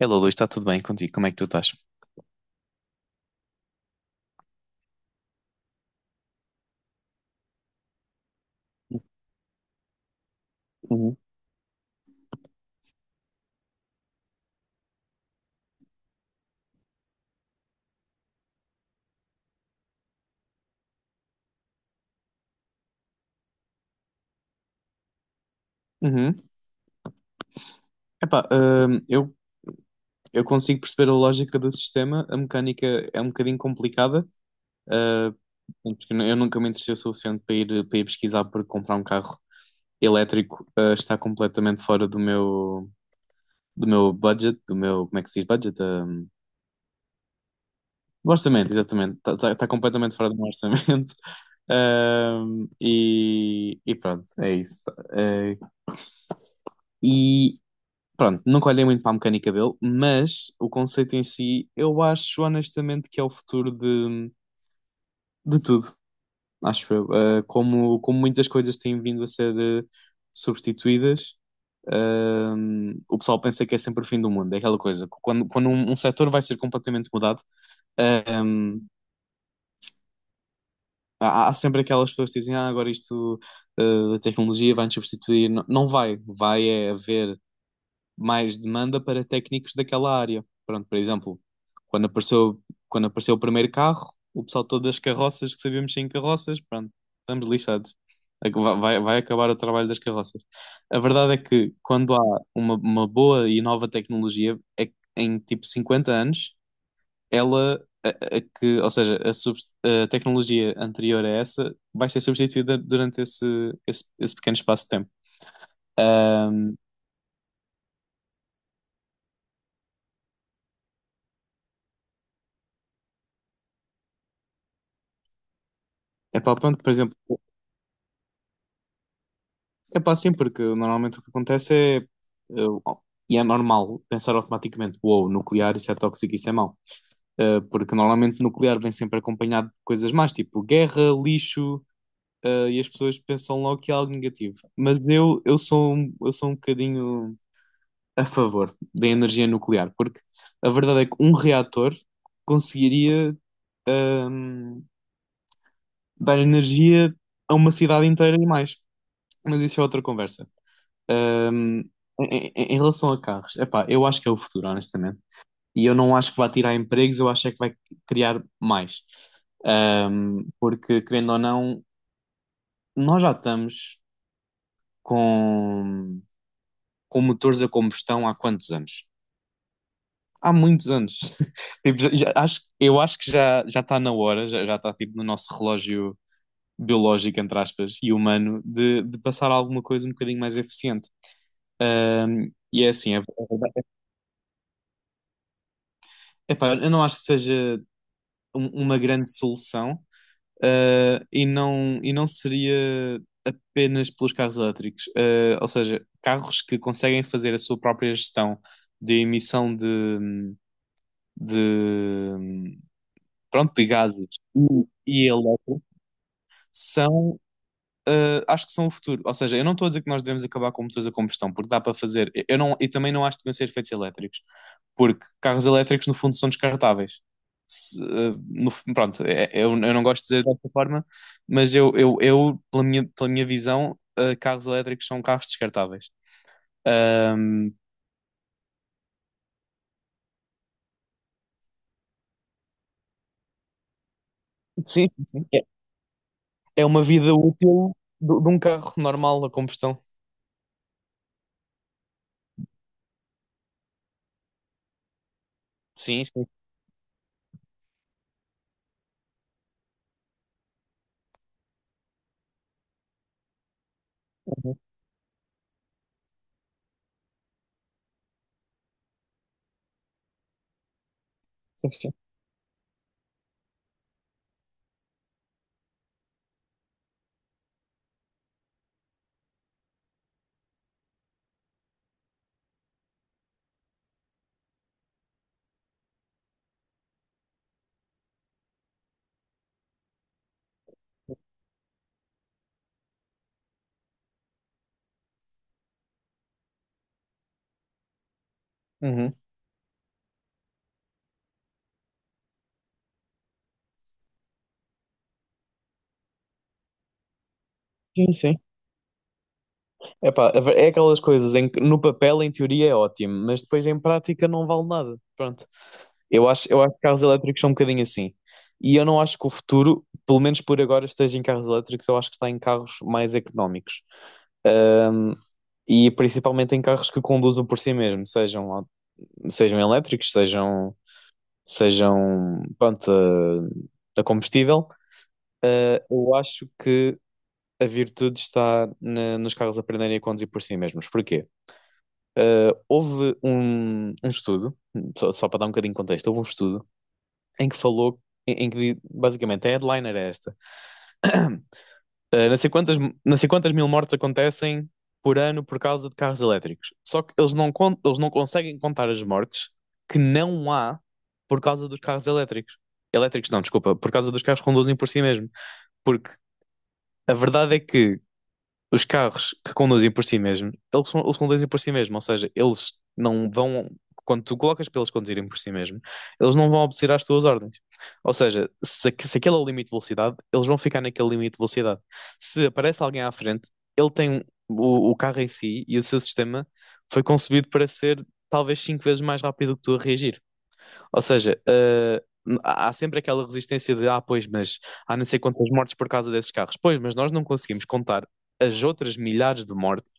Hello, Luís, está tudo bem contigo? Como é que tu estás? Uhum. Epá, eu consigo perceber a lógica do sistema, a mecânica é um bocadinho complicada, ah, porque eu nunca me interessei o suficiente para ir, pesquisar porque comprar um carro elétrico, está completamente fora do meu budget, do meu, como é que se diz budget? Do orçamento, exatamente, está completamente fora do meu orçamento. Ah, e pronto, é isso. Ah, e Pronto, nunca olhei muito para a mecânica dele, mas o conceito em si, eu acho honestamente que é o futuro de tudo, acho eu. Como muitas coisas têm vindo a ser substituídas, ah, o pessoal pensa que é sempre o fim do mundo, é aquela coisa. Quando um setor vai ser completamente mudado, ah, há sempre aquelas pessoas que dizem, agora isto, a tecnologia vai nos substituir. Não, não vai, é haver mais demanda para técnicos daquela área. Pronto, por exemplo, quando apareceu, quando apareceu o primeiro carro, o pessoal todo das carroças que sabíamos sem carroças, pronto, estamos lixados. É que vai acabar o trabalho das carroças. A verdade é que quando há uma boa e nova tecnologia, é que em tipo 50 anos, ela, a- que, ou seja, a, subs- a tecnologia anterior a essa vai ser substituída durante esse, esse pequeno espaço de tempo. Ahm, Epá, pronto, por exemplo. É pá, sim, porque normalmente o que acontece é. Oh, e é normal pensar automaticamente: uou, nuclear, isso é tóxico, isso é mau. Porque normalmente nuclear vem sempre acompanhado de coisas más, tipo guerra, lixo, e as pessoas pensam logo que é algo negativo. Mas eu, eu sou um bocadinho a favor da energia nuclear, porque a verdade é que um reator conseguiria, ehm, dar energia a uma cidade inteira e mais. Mas isso é outra conversa. Um, em, em relação a carros, epá, eu acho que é o futuro, honestamente. E eu não acho que vai tirar empregos, eu acho é que vai criar mais. Porque, querendo ou não, nós já estamos com, com, motores a combustão há quantos anos? Há muitos anos. Tipo, eu acho que já, já, está na hora, já está tipo, no nosso relógio biológico, entre aspas, e humano, de passar a alguma coisa um bocadinho mais eficiente. E é assim, epá, eu não acho que seja uma grande solução, e não seria apenas pelos carros elétricos. Ou seja, carros que conseguem fazer a sua própria gestão de emissão de, de, pronto, de gases e elétrico são. Acho que são o futuro. Ou seja, eu não estou a dizer que nós devemos acabar com motores a combustão, porque dá para fazer. Eu não, e também não acho que devem ser feitos elétricos, porque carros elétricos, no fundo, são descartáveis. Se, no- fu- pronto, é- é, eu não gosto de dizer desta forma, mas eu, pela minha visão, carros elétricos são carros descartáveis. Um, sim, sim. É uma vida útil de um carro normal a combustão. Sim, sim. Sim, sim. Uhum. Sim, sim. Epá, é aquelas coisas em que no papel, em teoria, é ótimo, mas depois em prática não vale nada. Pronto. Eu acho que carros elétricos são um bocadinho assim. E eu não acho que o futuro, pelo menos por agora, esteja em carros elétricos, eu acho que está em carros mais económicos. Ahm, e principalmente em carros que conduzam por si mesmo, sejam elétricos, pronto, a combustível. Eu acho que a virtude está nos carros aprenderem a conduzir por si mesmos. Porquê? Houve um, um estudo, só, para dar um bocadinho de contexto, houve um estudo em que falou, basicamente a headline era esta: não sei quantas, não sei quantas mil mortes acontecem por ano por causa de carros elétricos. Só que eles não conseguem contar as mortes que não há por causa dos carros elétricos. Elétricos, não, desculpa, por causa dos carros que conduzem por si mesmo. Porque a verdade é que os carros que conduzem por si mesmos, eles conduzem por si mesmos, ou seja, eles não vão, quando tu colocas para eles conduzirem por si mesmos, eles não vão obedecer às tuas ordens. Ou seja, se aquele é o limite de velocidade, eles vão ficar naquele limite de velocidade. Se aparece alguém à frente, ele tem um- o carro em si e o seu sistema foi concebido para ser talvez 5 vezes mais rápido que tu a reagir. Ou seja, há sempre aquela resistência de, pois, mas há não sei quantas mortes por causa desses carros. Pois, mas nós não conseguimos contar as outras milhares de mortes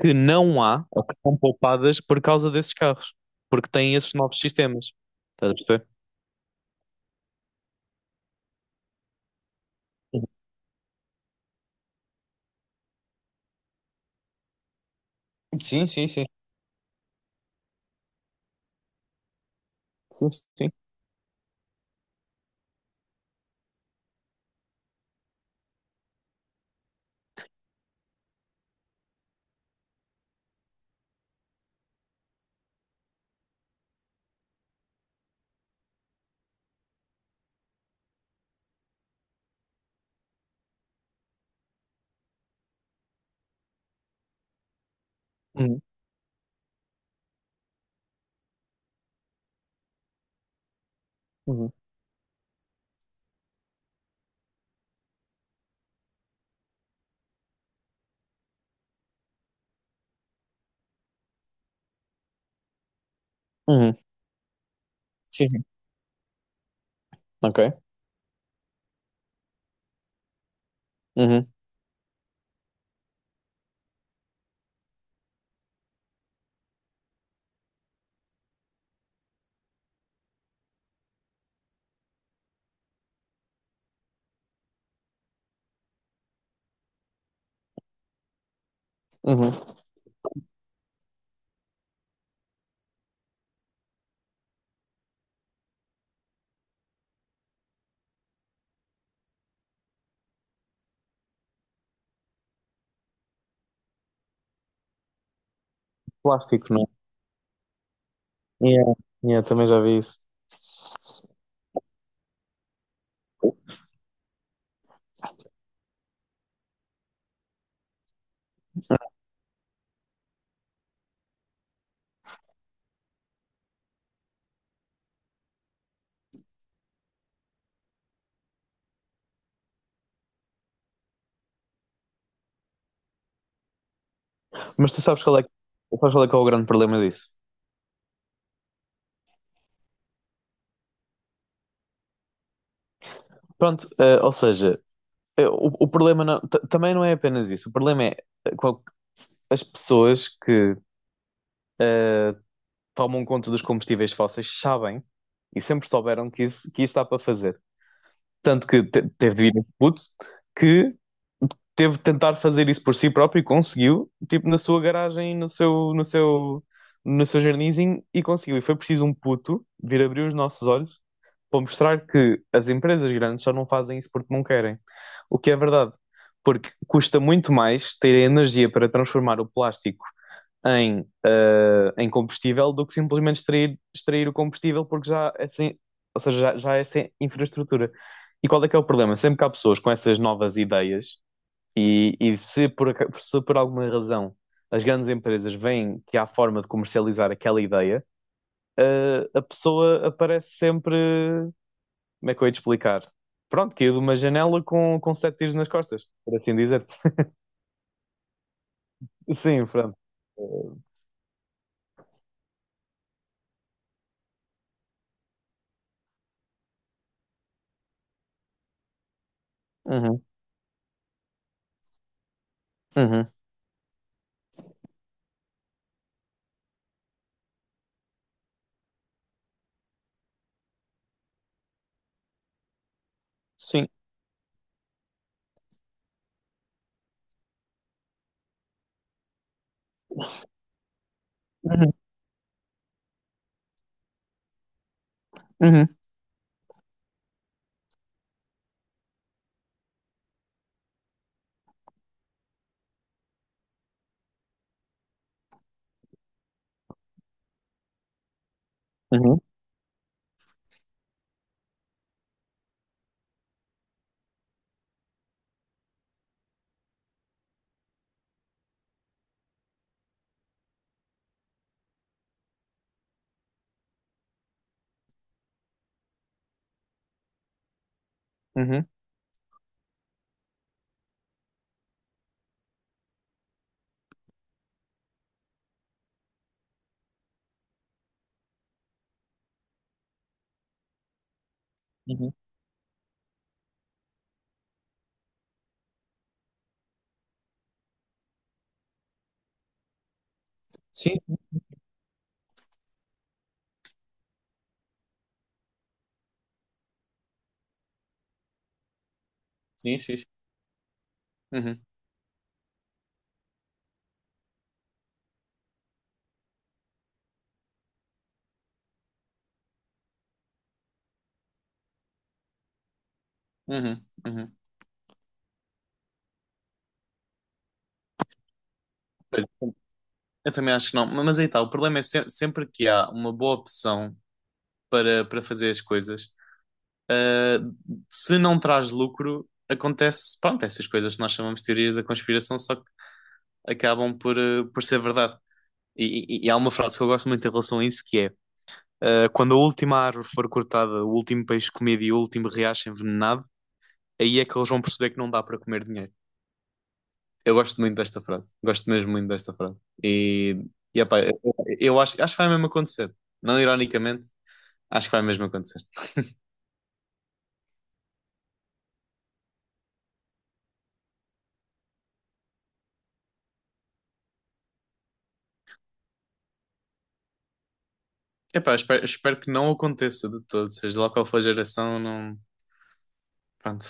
que não há ou que são poupadas por causa desses carros, porque têm esses novos sistemas. Estás a perceber? Uhum. Sim, sim, sim. Sim, sim. Uhum, uhum, uhum. Sim, sim. Ok. Uhum, uhum. Plástico, não é? Yeah, yeah, também já vi isso. Mas tu sabes qual é, sabes qual é que é o grande problema disso? Pronto, ou seja, é, o, o problema também não é apenas isso. O problema é eh, qual- as pessoas que eh, tomam conta dos combustíveis fósseis sabem e sempre souberam que isso dá para fazer. Tanto que teve de vir esse puto que teve de tentar fazer isso por si próprio e conseguiu, tipo, na sua garagem, no seu, no seu jardinzinho, e conseguiu. E foi preciso um puto vir abrir os nossos olhos para mostrar que as empresas grandes só não fazem isso porque não querem. O que é verdade, porque custa muito mais ter a energia para transformar o plástico em combustível do que simplesmente extrair, extrair o combustível, porque já é sem, ou seja, já, já é sem infraestrutura. E qual é que é o problema? Sempre que há pessoas com essas novas ideias, se por alguma razão as grandes empresas veem que há forma de comercializar aquela ideia, a pessoa aparece sempre, como é que eu ia te explicar? Pronto, caiu de uma janela com sete tiros nas costas, por assim dizer. Sim, pronto. Uhum, uhum. Sim. Uhum, uhum, uhum, uhum, uhum. Sim, sim, sim. Sim. Uhum, uhum, uhum. A tentação para ver as coisas, se não trago, acon- acabam por, por ser verdade. E há uma frase que eu gosto muito que é: quando a última comida me reacha envenenado, aí é que eles vão perceber que não dá para comer dinheiro. Eu gosto muito desta frase. Gosto mesmo muito desta frase. Epá, acho que vai mesmo acontecer. Não ironicamente, acho que vai mesmo acontecer. Epá, espero que não aconteça de todo, seja lá qual for a geração, não. Pronto.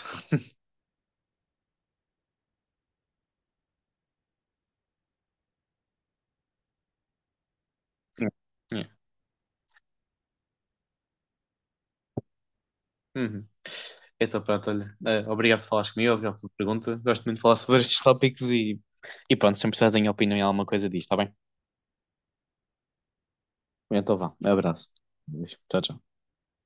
Yeah. Uhum. Então, pronto, olha, obrigado por falares comigo, obrigado pela pergunta. Gosto muito de falar sobre estes tópicos e pronto, sempre precisas da minha opinião em alguma coisa disto, está bem? Então vá, um abraço. Tchau, tchau.